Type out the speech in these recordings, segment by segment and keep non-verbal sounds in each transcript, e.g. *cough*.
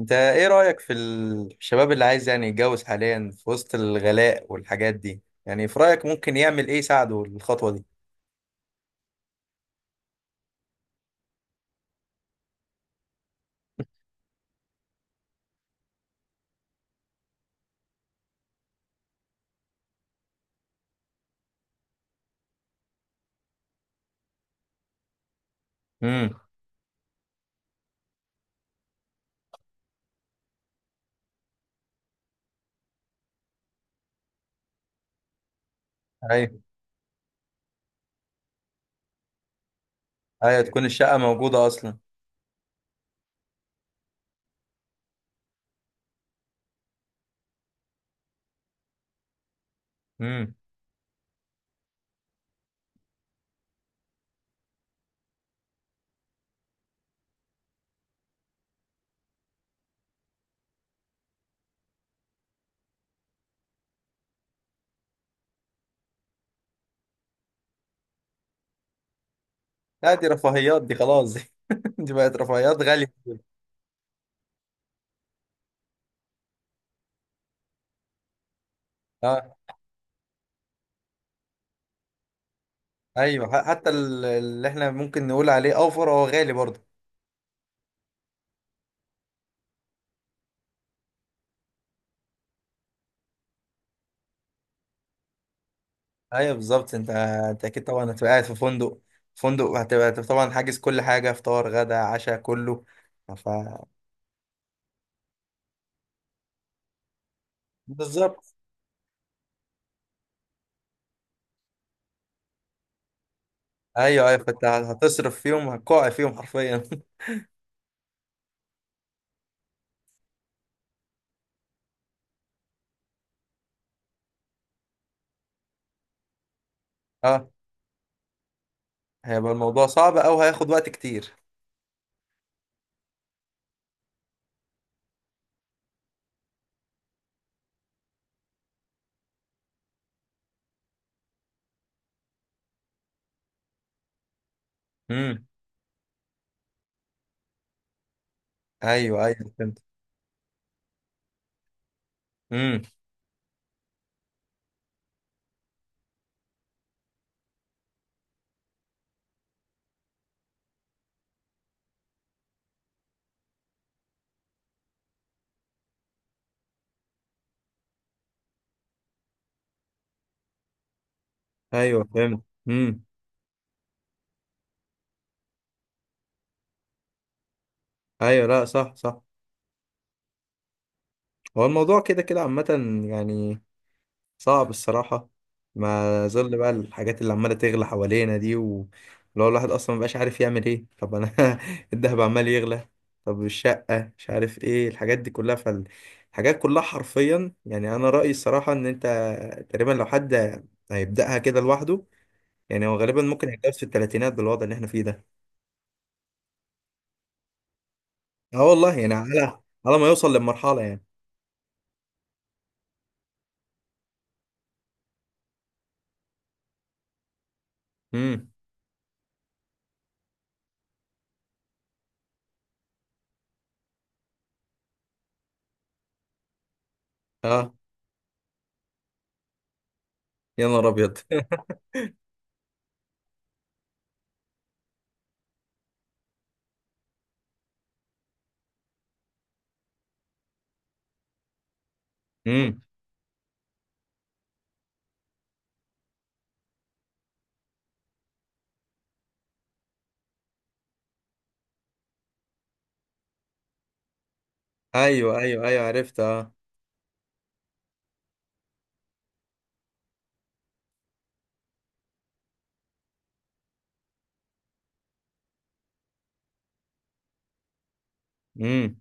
انت ايه رأيك في الشباب اللي عايز يعني يتجوز حاليا في وسط الغلاء والحاجات دي يعني في رأيك ممكن يعمل ايه يساعده الخطوة دي. امم ايوه، ايوه تكون الشقة موجودة اصلا. امم لا دي رفاهيات، دي خلاص دي، *laughs* دي بقت رفاهيات غالية. اه، ايوه حتى اللي احنا ممكن نقول عليه اوفر هو غالي برضه. ايوه بالظبط، انت اكيد طبعا هتبقى قاعد في فندق، فندق، هتبقى طبعا حاجز كل حاجة، فطار غدا عشاء كله. ف بالظبط. ايوه ايوه، فانت هتصرف فيهم، هتقع فيهم حرفيا. *laughs* اه، هيبقى الموضوع صعب او هياخد وقت كتير. امم ايوه ايوه فهمت. امم ايوه فهمت. امم ايوه، لا صح صح. هو الموضوع كده كده عامة يعني، صعب الصراحة. ما ظل بقى الحاجات اللي عمالة تغلى حوالينا دي و- ولو الواحد أصلا مبقاش عارف يعمل إيه، طب أنا *laughs* الدهب عمال يغلى، طب الشقة مش عارف إيه، الحاجات دي كلها، فالحاجات كلها حرفيا. يعني أنا رأيي الصراحة إن أنت تقريبا لو حد هيبدأها كده لوحده يعني، هو غالبا ممكن هيتجوز في التلاتينات بالوضع اللي إحنا فيه ده. أه والله يعني، على على ما يوصل للمرحلة يعني. امم أه، يا نهار أبيض. *laughs* امم أيوه أيوه أيوه، عرفت أه. امم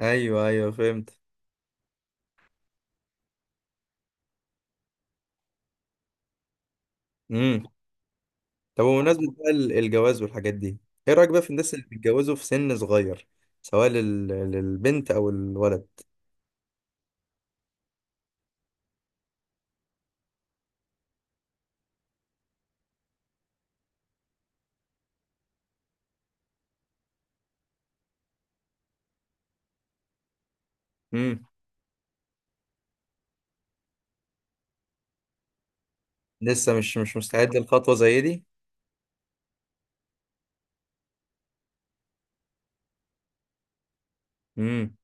أيوه أيوه فهمت. امم طب بمناسبة بقى الجواز والحاجات دي، ايه رأيك بقى في الناس اللي بيتجوزوا في سن صغير، سواء لل... للبنت او الولد. امم لسه مش مستعد لخطوة زي دي. امم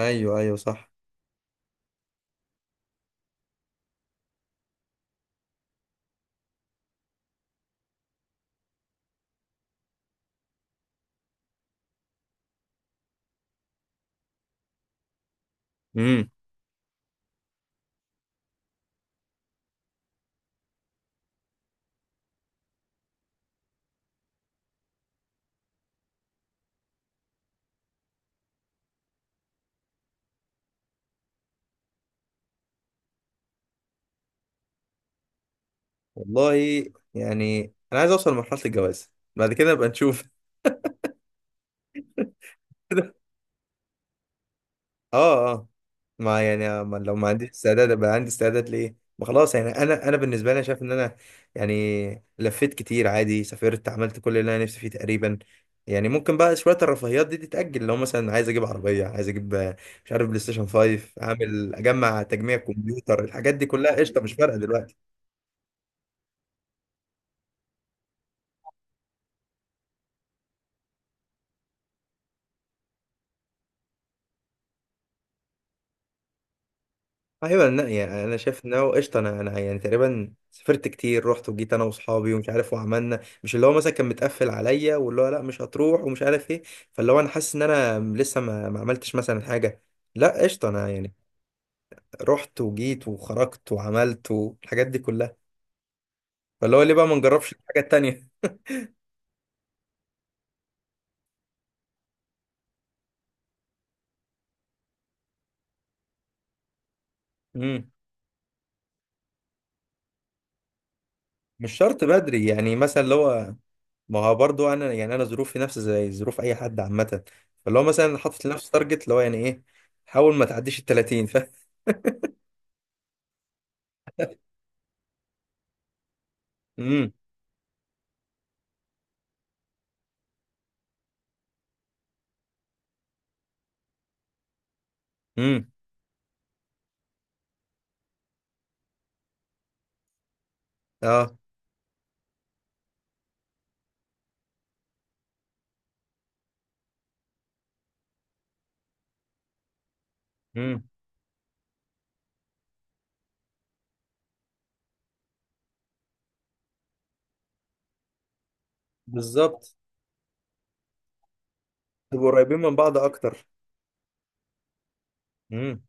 ايوه ايوه صح. امم والله يعني، انا عايز اوصل لمرحلة الجواز، بعد كده نبقى نشوف. *laughs* اه اه، ما يعني، ما لو ما عنديش استعداد ابقى عندي استعداد ليه، ما خلاص. يعني انا بالنسبه لي شايف ان انا يعني لفيت كتير عادي، سافرت، عملت كل اللي انا نفسي فيه تقريبا. يعني ممكن بقى شويه الرفاهيات دي تتاجل، لو مثلا عايز اجيب عربيه، عايز اجيب آه، مش عارف بلاي ستيشن 5، اعمل اجمع تجميع كمبيوتر، الحاجات دي كلها قشطه، مش فارقه دلوقتي. ايوه لا، يعني انا شايف ان هو قشطه. انا يعني تقريبا سافرت كتير، رحت وجيت انا واصحابي ومش عارف، وعملنا مش اللي هو مثلا كان متقفل عليا، واللي هو لا مش هتروح ومش عارف ايه. فاللي هو انا حاسس ان انا لسه ما عملتش مثلا حاجه. لا قشطه انا يعني، رحت وجيت وخرجت وعملت والحاجات دي كلها. فاللي هو ليه بقى ما نجربش الحاجه التانيه. امم مش شرط بدري يعني، مثلا اللي هو، ما هو برضو انا يعني، انا ظروفي نفس زي ظروف اي حد عامه. فاللي هو مثلا حاطط لنفسي تارجت اللي هو يعني ايه، حاول ما تعديش ال 30. *laughs* امم امم اه. امم بالظبط، تبقوا قريبين من بعض اكتر. امم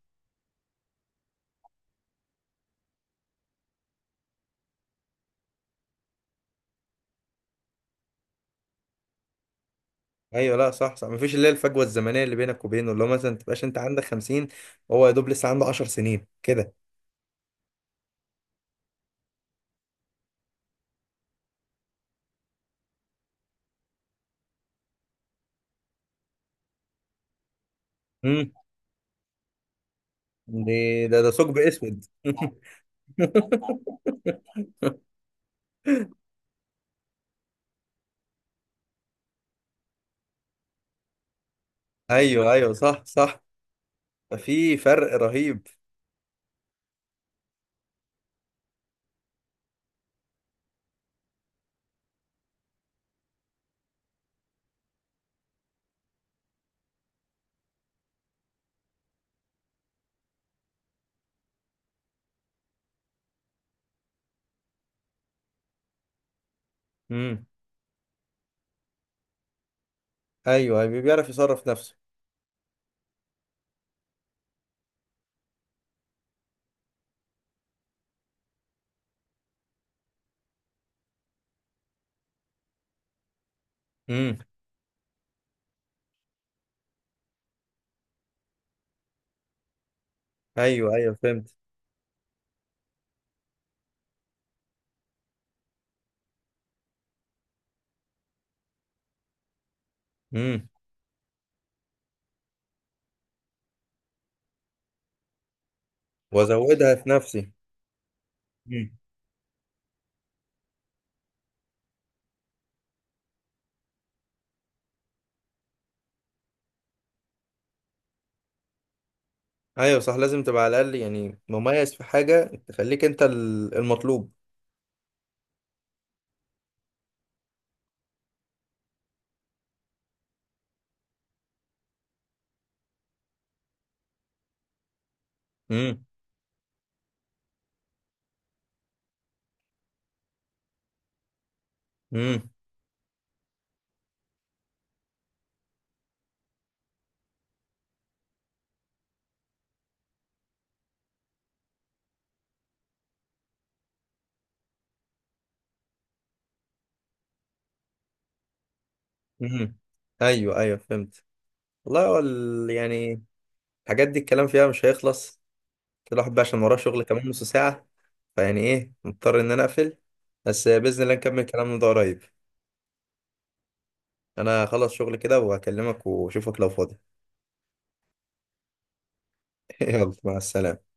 ايوه لا صح صح، مفيش اللي هي الفجوه الزمنيه اللي بينك وبينه، اللي هو مثلا ما تبقاش انت عندك 50 وهو يا دوب لسه عنده 10 سنين كده. امم ده ثقب اسود. *laughs* ايوه ايوه صح صح، في فرق رهيب. امم ايوه أيوة، بيعرف يصرف نفسه. امم ايوه ايوه فهمت. امم وازودها في نفسي. ايوه صح، لازم تبقى على الاقل يعني مميز في حاجه تخليك انت المطلوب. امم امم امم ايوه ايوه فهمت. والله هو ال- يعني الحاجات دي الكلام فيها مش هيخلص، الواحد بقى عشان وراه شغل كمان نص ساعة، فيعني ايه مضطر ان انا اقفل، بس باذن الله نكمل كلامنا ده قريب. انا خلص شغل كده وهكلمك واشوفك لو فاضي. *laughs* يلا مع السلامه.